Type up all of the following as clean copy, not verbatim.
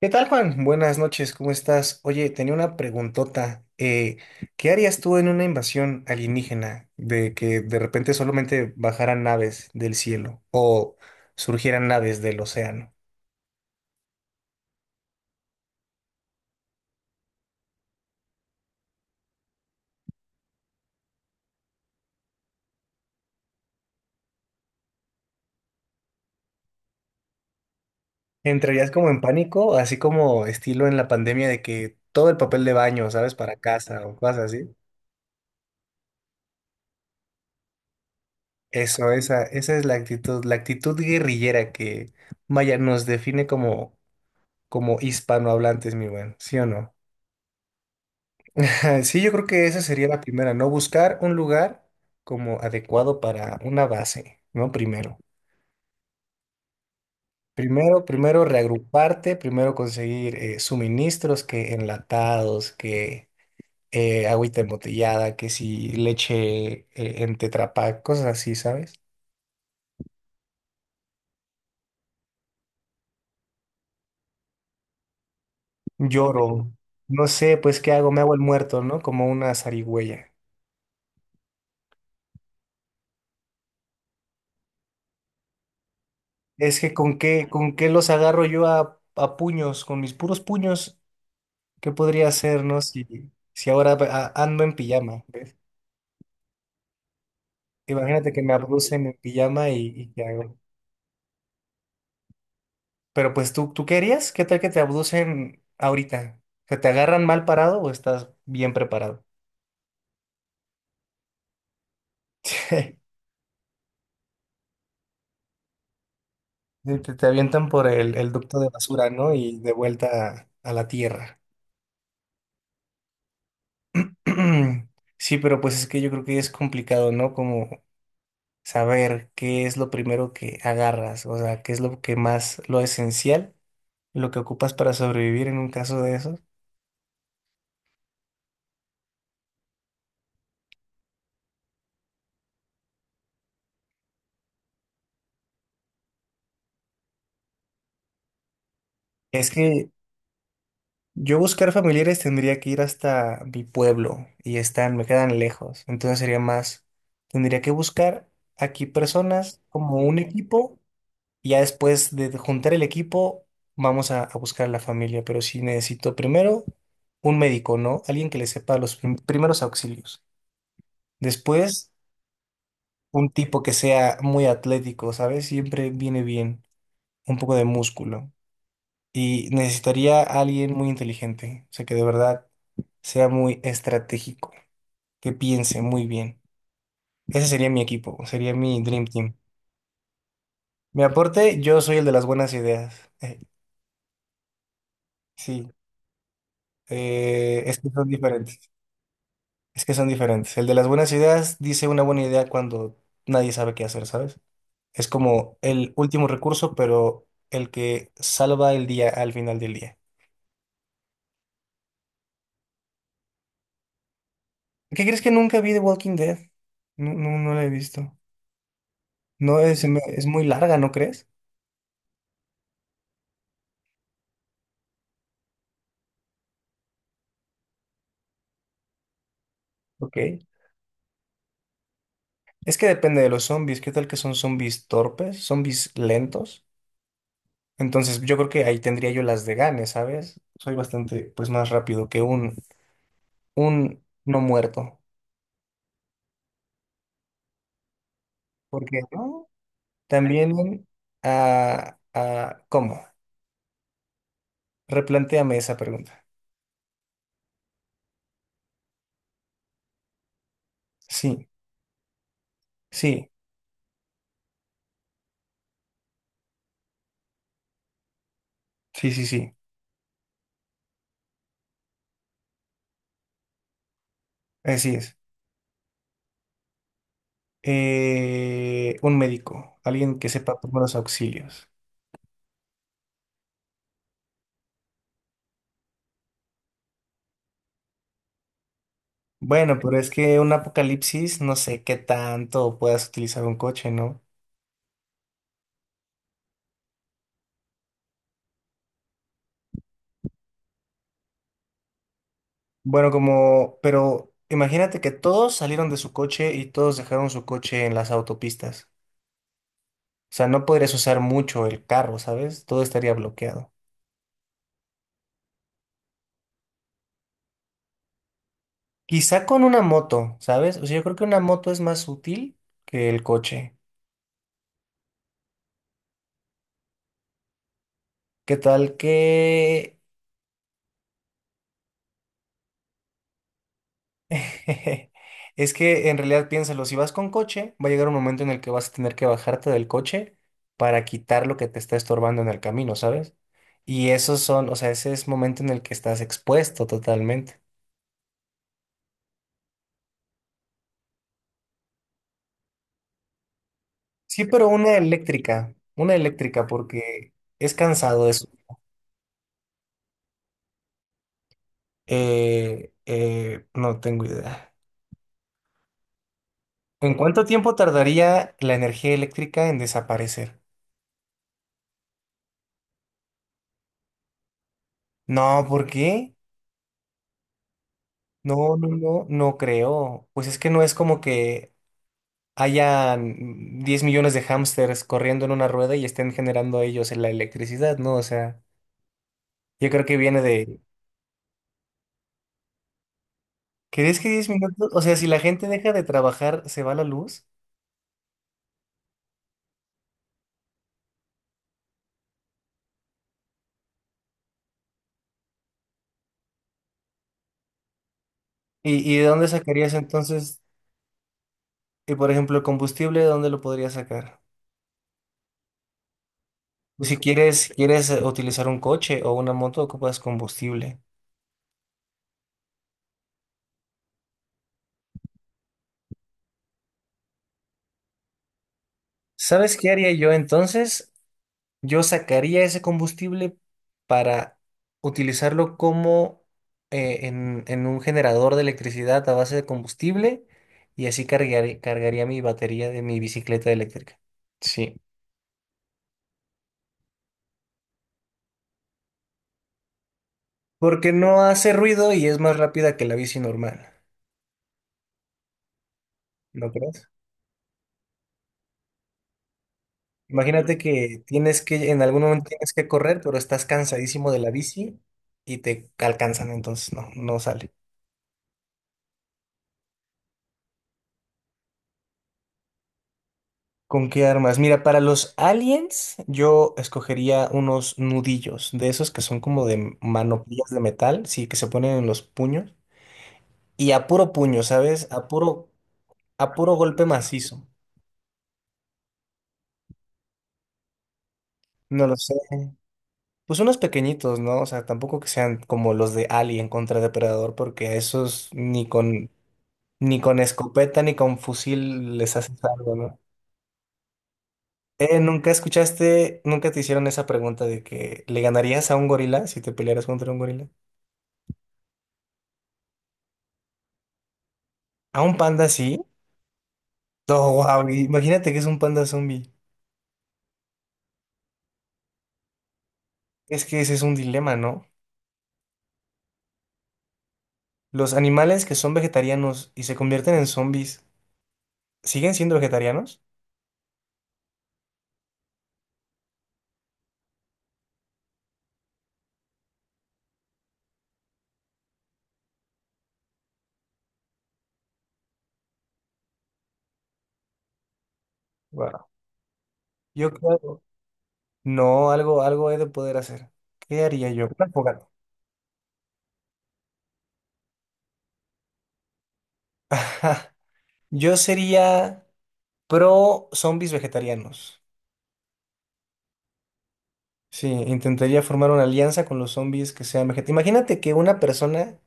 ¿Qué tal, Juan? Buenas noches, ¿cómo estás? Oye, tenía una preguntota. ¿Qué harías tú en una invasión alienígena de que de repente solamente bajaran naves del cielo o surgieran naves del océano? ¿Entrarías como en pánico, así como estilo en la pandemia de que todo el papel de baño, ¿sabes? Para casa o cosas así. Esa es la actitud guerrillera que, vaya, nos define como, como hispanohablantes, mi bueno, ¿sí o no? Sí, yo creo que esa sería la primera, ¿no? Buscar un lugar como adecuado para una base, ¿no? Primero. Primero, primero reagruparte, primero conseguir suministros que enlatados, que agüita embotellada, que si leche en Tetra Pak, cosas así, ¿sabes? Lloro. No sé, pues, ¿qué hago? Me hago el muerto, ¿no? Como una zarigüeya. Es que con qué los agarro yo a puños, con mis puros puños. ¿Qué podría hacer, no? Si, si ahora ando en pijama, ¿ves? Imagínate que me abducen en pijama y ¿qué hago? Pero pues tú, ¿tú qué harías? ¿Qué tal que te abducen ahorita? ¿Que te agarran mal parado o estás bien preparado? Te avientan por el ducto de basura, ¿no? Y de vuelta a la tierra. Sí, pero pues es que yo creo que es complicado, ¿no? Como saber qué es lo primero que agarras, o sea, qué es lo que más, lo esencial, lo que ocupas para sobrevivir en un caso de esos. Es que yo buscar familiares tendría que ir hasta mi pueblo y están, me quedan lejos, entonces sería más, tendría que buscar aquí personas como un equipo y ya después de juntar el equipo vamos a buscar a la familia, pero sí necesito primero un médico, ¿no? Alguien que le sepa los primeros auxilios. Después un tipo que sea muy atlético, ¿sabes? Siempre viene bien un poco de músculo. Y necesitaría a alguien muy inteligente, o sea, que de verdad sea muy estratégico, que piense muy bien. Ese sería mi equipo, sería mi Dream Team. Mi aporte, yo soy el de las buenas ideas. Sí, es que son diferentes. Es que son diferentes. El de las buenas ideas dice una buena idea cuando nadie sabe qué hacer, ¿sabes? Es como el último recurso, pero el que salva el día al final del día. ¿Qué crees que nunca vi de Walking Dead? No, no, no la he visto. No, es muy larga, ¿no crees? Ok. Es que depende de los zombies. ¿Qué tal que son zombies torpes? ¿Zombies lentos? Entonces yo creo que ahí tendría yo las de gane, ¿sabes? Soy bastante, pues, más rápido que un no muerto. Porque, ¿no? También, ¿cómo? Replantéame esa pregunta. Sí, sí. Sí, sí, sí, así es. Un médico, alguien que sepa primeros auxilios. Bueno, pero es que un apocalipsis, no sé qué tanto puedas utilizar un coche, ¿no? Bueno, como, pero imagínate que todos salieron de su coche y todos dejaron su coche en las autopistas. O sea, no podrías usar mucho el carro, ¿sabes? Todo estaría bloqueado. Quizá con una moto, ¿sabes? O sea, yo creo que una moto es más útil que el coche. ¿Qué tal que... Es que en realidad piénsalo, si vas con coche, va a llegar un momento en el que vas a tener que bajarte del coche para quitar lo que te está estorbando en el camino, ¿sabes? Y esos son, o sea, ese es momento en el que estás expuesto totalmente. Sí, pero una eléctrica, porque es cansado eso. No tengo idea. ¿En cuánto tiempo tardaría la energía eléctrica en desaparecer? No, ¿por qué? No, no, no, no creo. Pues es que no es como que hayan 10 millones de hámsters corriendo en una rueda y estén generando ellos la electricidad, ¿no? O sea, yo creo que viene de... ¿Crees que 10 minutos? O sea, si la gente deja de trabajar, ¿se va la luz? Y de dónde sacarías entonces, y por ejemplo, el combustible, de dónde lo podrías sacar? Si quieres, quieres utilizar un coche o una moto, ocupas combustible. ¿Sabes qué haría yo entonces? Yo sacaría ese combustible para utilizarlo como en un generador de electricidad a base de combustible y así cargaría mi batería de mi bicicleta eléctrica. Sí. Porque no hace ruido y es más rápida que la bici normal, ¿no crees? Imagínate que tienes que, en algún momento tienes que correr, pero estás cansadísimo de la bici y te alcanzan, entonces no, no sale. ¿Con qué armas? Mira, para los aliens yo escogería unos nudillos, de esos que son como de manopillas de metal, sí, que se ponen en los puños. Y a puro puño, ¿sabes? A puro golpe macizo. No lo sé. Pues unos pequeñitos, ¿no? O sea, tampoco que sean como los de Alien contra Depredador, porque a esos ni con, ni con escopeta ni con fusil les haces algo, ¿no? ¿Nunca escuchaste, nunca te hicieron esa pregunta de que le ganarías a un gorila si te pelearas contra un gorila? ¿A un panda sí? No, wow, imagínate que es un panda zombie. Es que ese es un dilema, ¿no? Los animales que son vegetarianos y se convierten en zombies, ¿siguen siendo vegetarianos? Wow. Yo creo. No, algo, algo he de poder hacer. ¿Qué haría yo? Una fogata. Ajá. Yo sería pro zombies vegetarianos. Sí, intentaría formar una alianza con los zombies que sean vegetarianos. Imagínate que una persona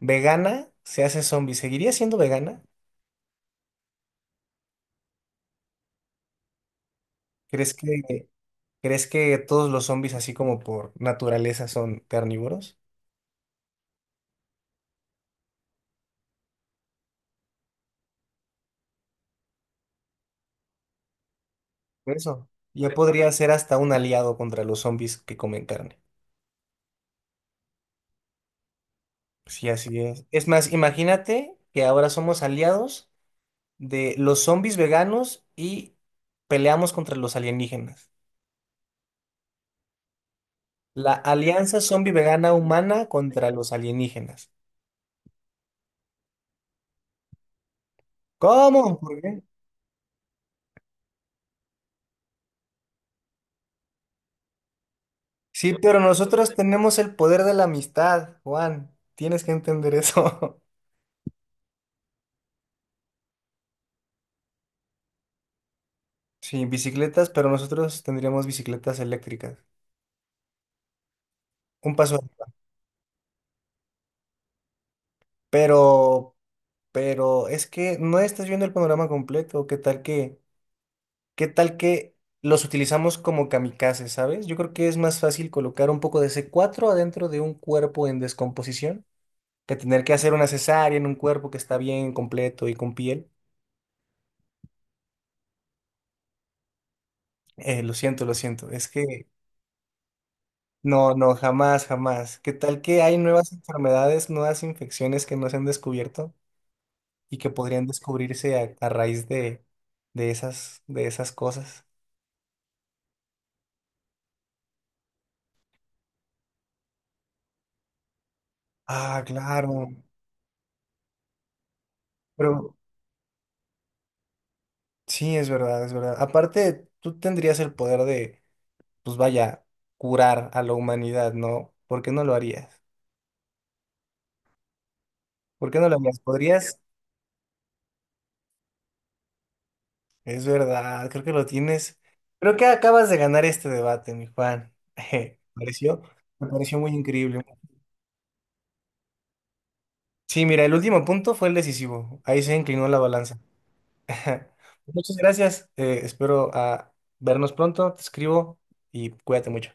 vegana se hace zombie. ¿Seguiría siendo vegana? ¿Crees que...? ¿Crees que todos los zombies, así como por naturaleza, son carnívoros? Por eso. Yo podría ser hasta un aliado contra los zombies que comen carne. Sí, así es. Es más, imagínate que ahora somos aliados de los zombies veganos y peleamos contra los alienígenas. La alianza zombie vegana humana contra los alienígenas. ¿Cómo? ¿Por qué? Sí, pero nosotros tenemos el poder de la amistad, Juan. Tienes que entender eso. Sí, bicicletas, pero nosotros tendríamos bicicletas eléctricas. Un paso arriba. Pero, pero es que no estás viendo el panorama completo. Qué tal que los utilizamos como kamikazes, ¿sabes? Yo creo que es más fácil colocar un poco de C4 adentro de un cuerpo en descomposición que tener que hacer una cesárea en un cuerpo que está bien completo y con piel. Lo siento, lo siento. Es que no, no, jamás, jamás. ¿Qué tal que hay nuevas enfermedades, nuevas infecciones que no se han descubierto? Y que podrían descubrirse a raíz de esas cosas. Ah, claro. Pero sí, es verdad, es verdad. Aparte, tú tendrías el poder de, pues vaya, curar a la humanidad, ¿no? ¿Por qué no lo harías? ¿Por qué no lo harías? ¿Podrías? Es verdad, creo que lo tienes. Creo que acabas de ganar este debate, mi Juan. Me pareció, me pareció muy increíble. Sí, mira, el último punto fue el decisivo. Ahí se inclinó la balanza. Muchas gracias. Espero vernos pronto. Te escribo y cuídate mucho.